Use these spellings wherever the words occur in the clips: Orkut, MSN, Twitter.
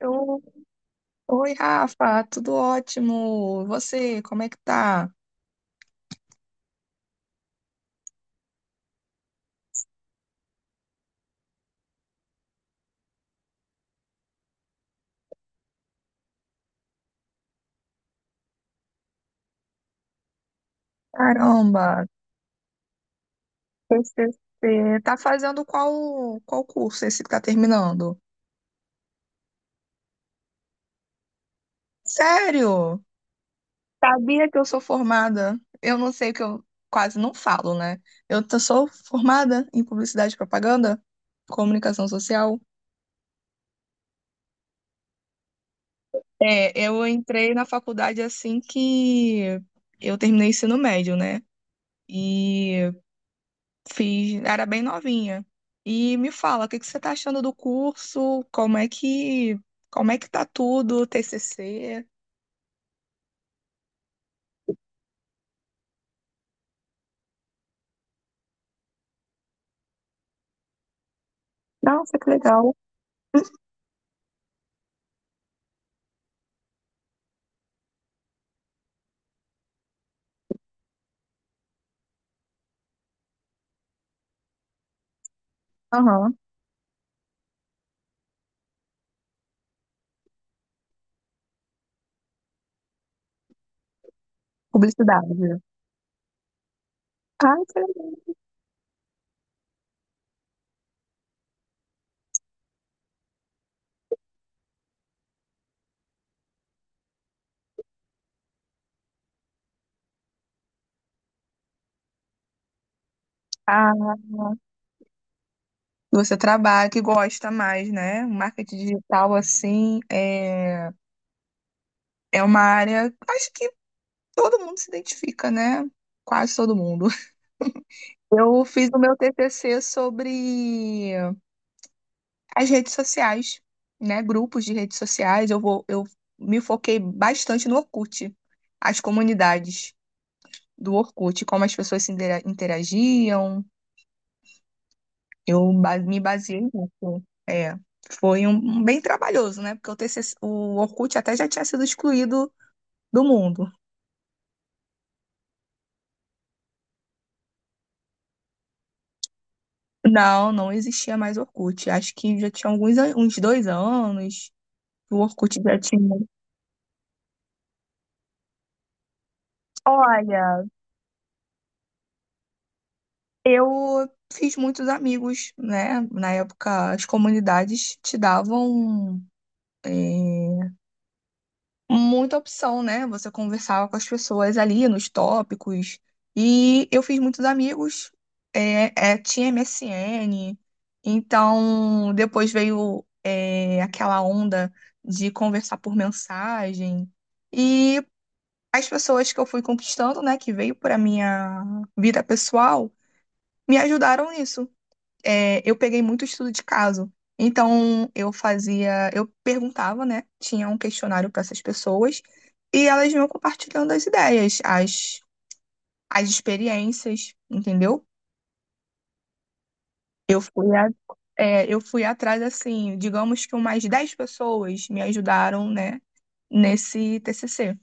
Eu- Oi, Rafa, tudo ótimo? Você, como é que tá? Caramba, TCC. Tá fazendo qual curso esse que tá terminando? Sério? Sabia que eu sou formada? Eu não sei o que eu quase não falo, né? Sou formada em publicidade e propaganda, comunicação social. É, eu entrei na faculdade assim que eu terminei o ensino médio, né? E Fiz, era bem novinha. E me fala, o que que você tá achando do curso? Como é que tá tudo, TCC? Nossa, que legal. Aham. Publicidade. Ah, que legal. Ah, você trabalha, que gosta mais, né? Marketing digital, assim, é uma área, acho que todo mundo se identifica, né? Quase todo mundo. Eu fiz o meu TCC sobre as redes sociais, né? Grupos de redes sociais. Eu me foquei bastante no Orkut, as comunidades do Orkut, como as pessoas se interagiam. Eu me baseei nisso. É, foi um bem trabalhoso, né? Porque o TCC, o Orkut até já tinha sido excluído do mundo. Não, não existia mais Orkut. Acho que já tinha uns 2 anos. O Orkut já tinha. Olha, eu fiz muitos amigos, né? Na época, as comunidades te davam é, muita opção, né? Você conversava com as pessoas ali nos tópicos. E eu fiz muitos amigos, tinha MSN. Então, depois veio aquela onda de conversar por mensagem. E as pessoas que eu fui conquistando, né? Que veio para minha vida pessoal, me ajudaram nisso. É, eu peguei muito estudo de caso. Então, eu fazia, eu perguntava, né? Tinha um questionário para essas pessoas e elas iam compartilhando as ideias, as experiências, entendeu? Eu fui, a- eu fui atrás, assim, digamos que umas 10 pessoas me ajudaram, né, nesse TCC.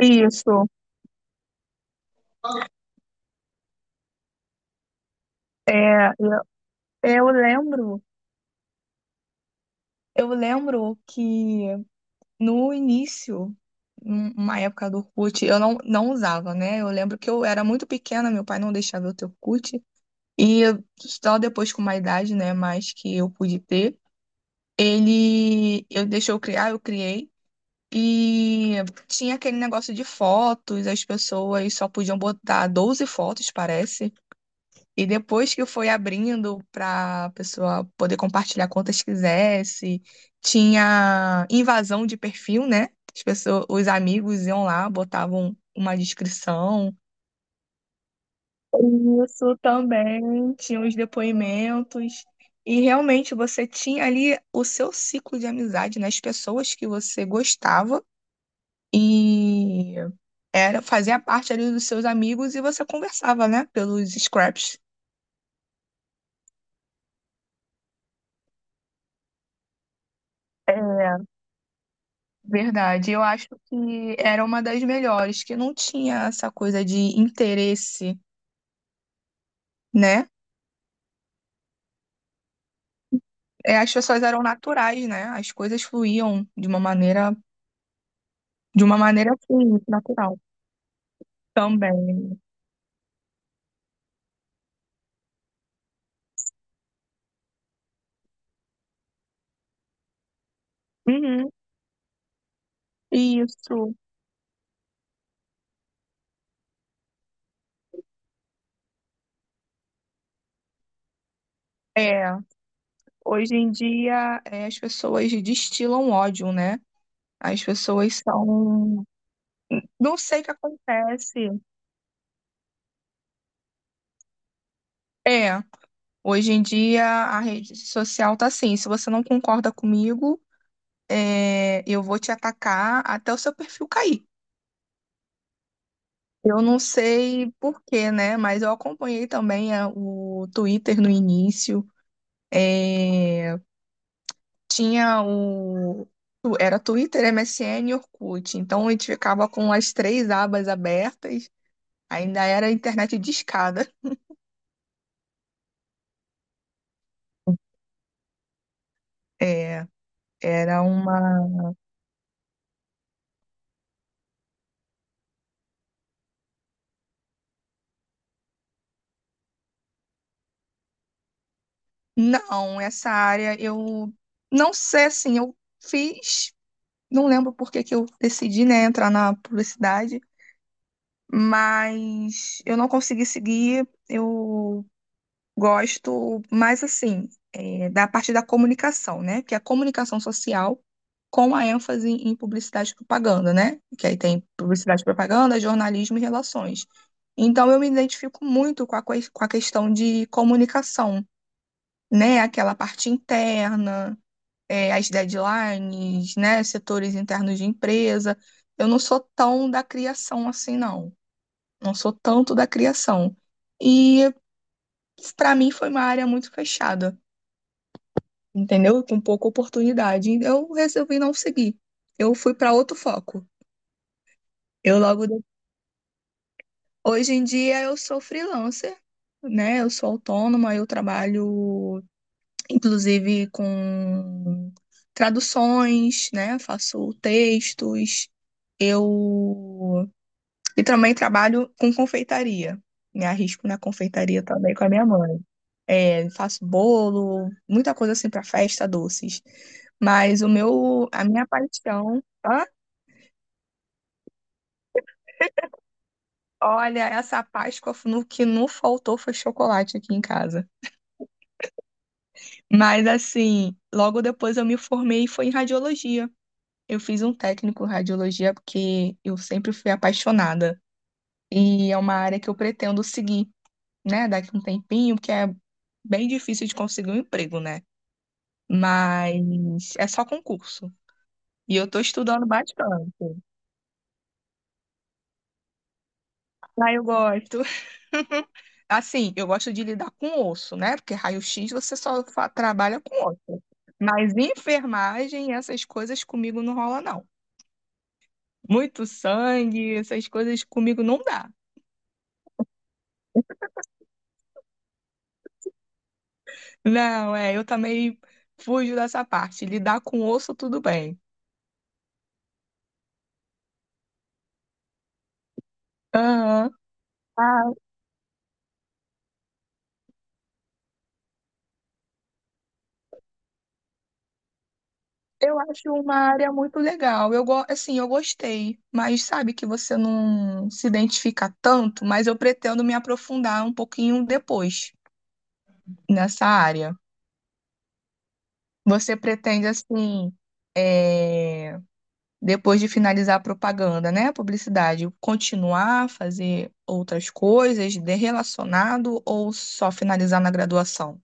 Isso. É, eu lembro, eu lembro que no início, numa época do Orkut, eu não usava, né? Eu lembro que eu era muito pequena, meu pai não deixava eu ter Orkut. Só depois com uma idade, né, mais que eu pude ter, ele eu deixou eu criar, eu criei. E tinha aquele negócio de fotos, as pessoas só podiam botar 12 fotos, parece. E depois que foi abrindo para a pessoa poder compartilhar quantas quisesse, tinha invasão de perfil, né? As pessoas, os amigos iam lá, botavam uma descrição. Isso também, tinha os depoimentos. E realmente você tinha ali o seu ciclo de amizade, né? As pessoas que você gostava e era fazia parte ali dos seus amigos e você conversava, né? Pelos scraps. É, verdade, eu acho que era uma das melhores, que não tinha essa coisa de interesse, né? É, as pessoas eram naturais, né? As coisas fluíam de uma maneira assim, natural também. Uhum, isso. É, hoje em dia as pessoas destilam ódio, né? As pessoas são. Não sei o que acontece. É, hoje em dia a rede social tá assim, se você não concorda comigo. Eu vou te atacar até o seu perfil cair. Eu não sei por quê, né? Mas eu acompanhei também a o Twitter no início. É, tinha o. Era Twitter, MSN e Orkut. Então a gente ficava com as três abas abertas. Ainda era internet discada. É, era uma. Não, essa área eu não sei assim, eu fiz. Não lembro por que que eu decidi, né, entrar na publicidade. Mas eu não consegui seguir. Eu gosto mais assim, da parte da comunicação, né? Que é a comunicação social com a ênfase em publicidade e propaganda, né? Que aí tem publicidade e propaganda, jornalismo e relações. Então eu me identifico muito com a questão de comunicação, né? Aquela parte interna, as deadlines, né? Setores internos de empresa. Eu não sou tão da criação assim, não. Não sou tanto da criação. E para mim foi uma área muito fechada, entendeu? Com pouca oportunidade. Eu resolvi não seguir. Eu fui para outro foco. Eu logo de- hoje em dia eu sou freelancer, né? Eu sou autônoma, eu trabalho inclusive com traduções, né? Faço textos. Eu E também trabalho com confeitaria. Me arrisco na confeitaria também com a minha mãe. É, faço bolo, muita coisa assim para festa, doces. Mas a minha paixão. Hã? Olha, essa Páscoa no que não faltou foi chocolate aqui em casa. Mas assim, logo depois eu me formei e foi em radiologia. Eu fiz um técnico em radiologia porque eu sempre fui apaixonada e é uma área que eu pretendo seguir, né, daqui a um tempinho, porque é bem difícil de conseguir um emprego, né? Mas é só concurso. E eu tô estudando bastante. Ah, eu gosto. Assim, eu gosto de lidar com osso, né? Porque raio-x você só trabalha com osso. Mas enfermagem, essas coisas comigo não rola, não. Muito sangue, essas coisas comigo não dá. Não, eu também fujo dessa parte. Lidar com osso, tudo bem. Aham. Eu acho uma área muito legal. Eu gostei, mas sabe que você não se identifica tanto, mas eu pretendo me aprofundar um pouquinho depois nessa área. Você pretende, assim, é, depois de finalizar a propaganda, né, publicidade, continuar a fazer outras coisas de relacionado ou só finalizar na graduação?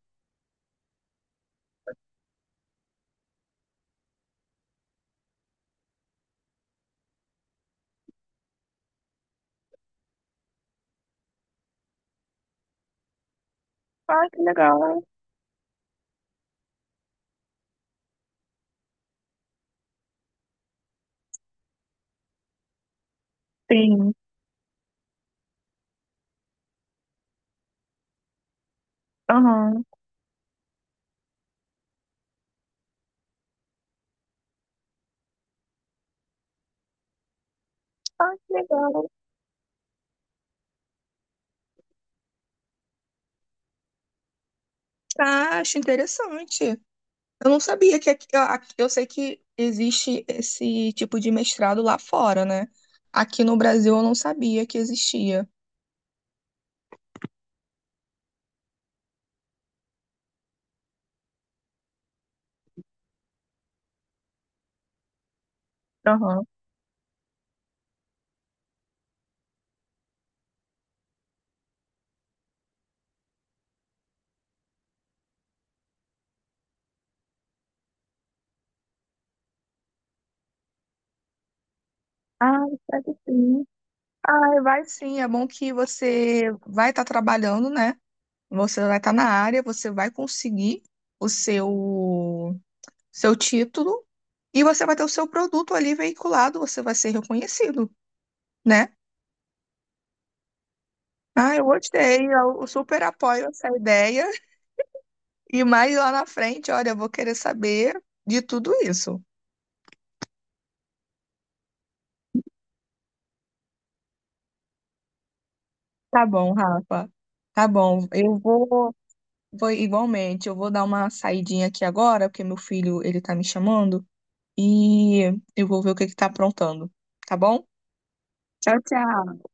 Ah, que legal. Sim. Aham. Legal. Ah, acho interessante. Eu não sabia que aqui, aqui- eu sei que existe esse tipo de mestrado lá fora, né? Aqui no Brasil eu não sabia que existia. Aham. Ah, deve sim. Ah, vai sim. É bom que você vai estar trabalhando, né? Você vai estar na área, você vai conseguir o seu título e você vai ter o seu produto ali veiculado, você vai ser reconhecido, né? Ah, eu gostei. Eu super apoio essa ideia. E mais lá na frente, olha, eu vou querer saber de tudo isso. Tá bom, Rafa. Tá bom. Eu vou igualmente, eu vou dar uma saidinha aqui agora, porque meu filho, ele tá me chamando, e eu vou ver o que que tá aprontando. Tá bom? Tchau, tchau.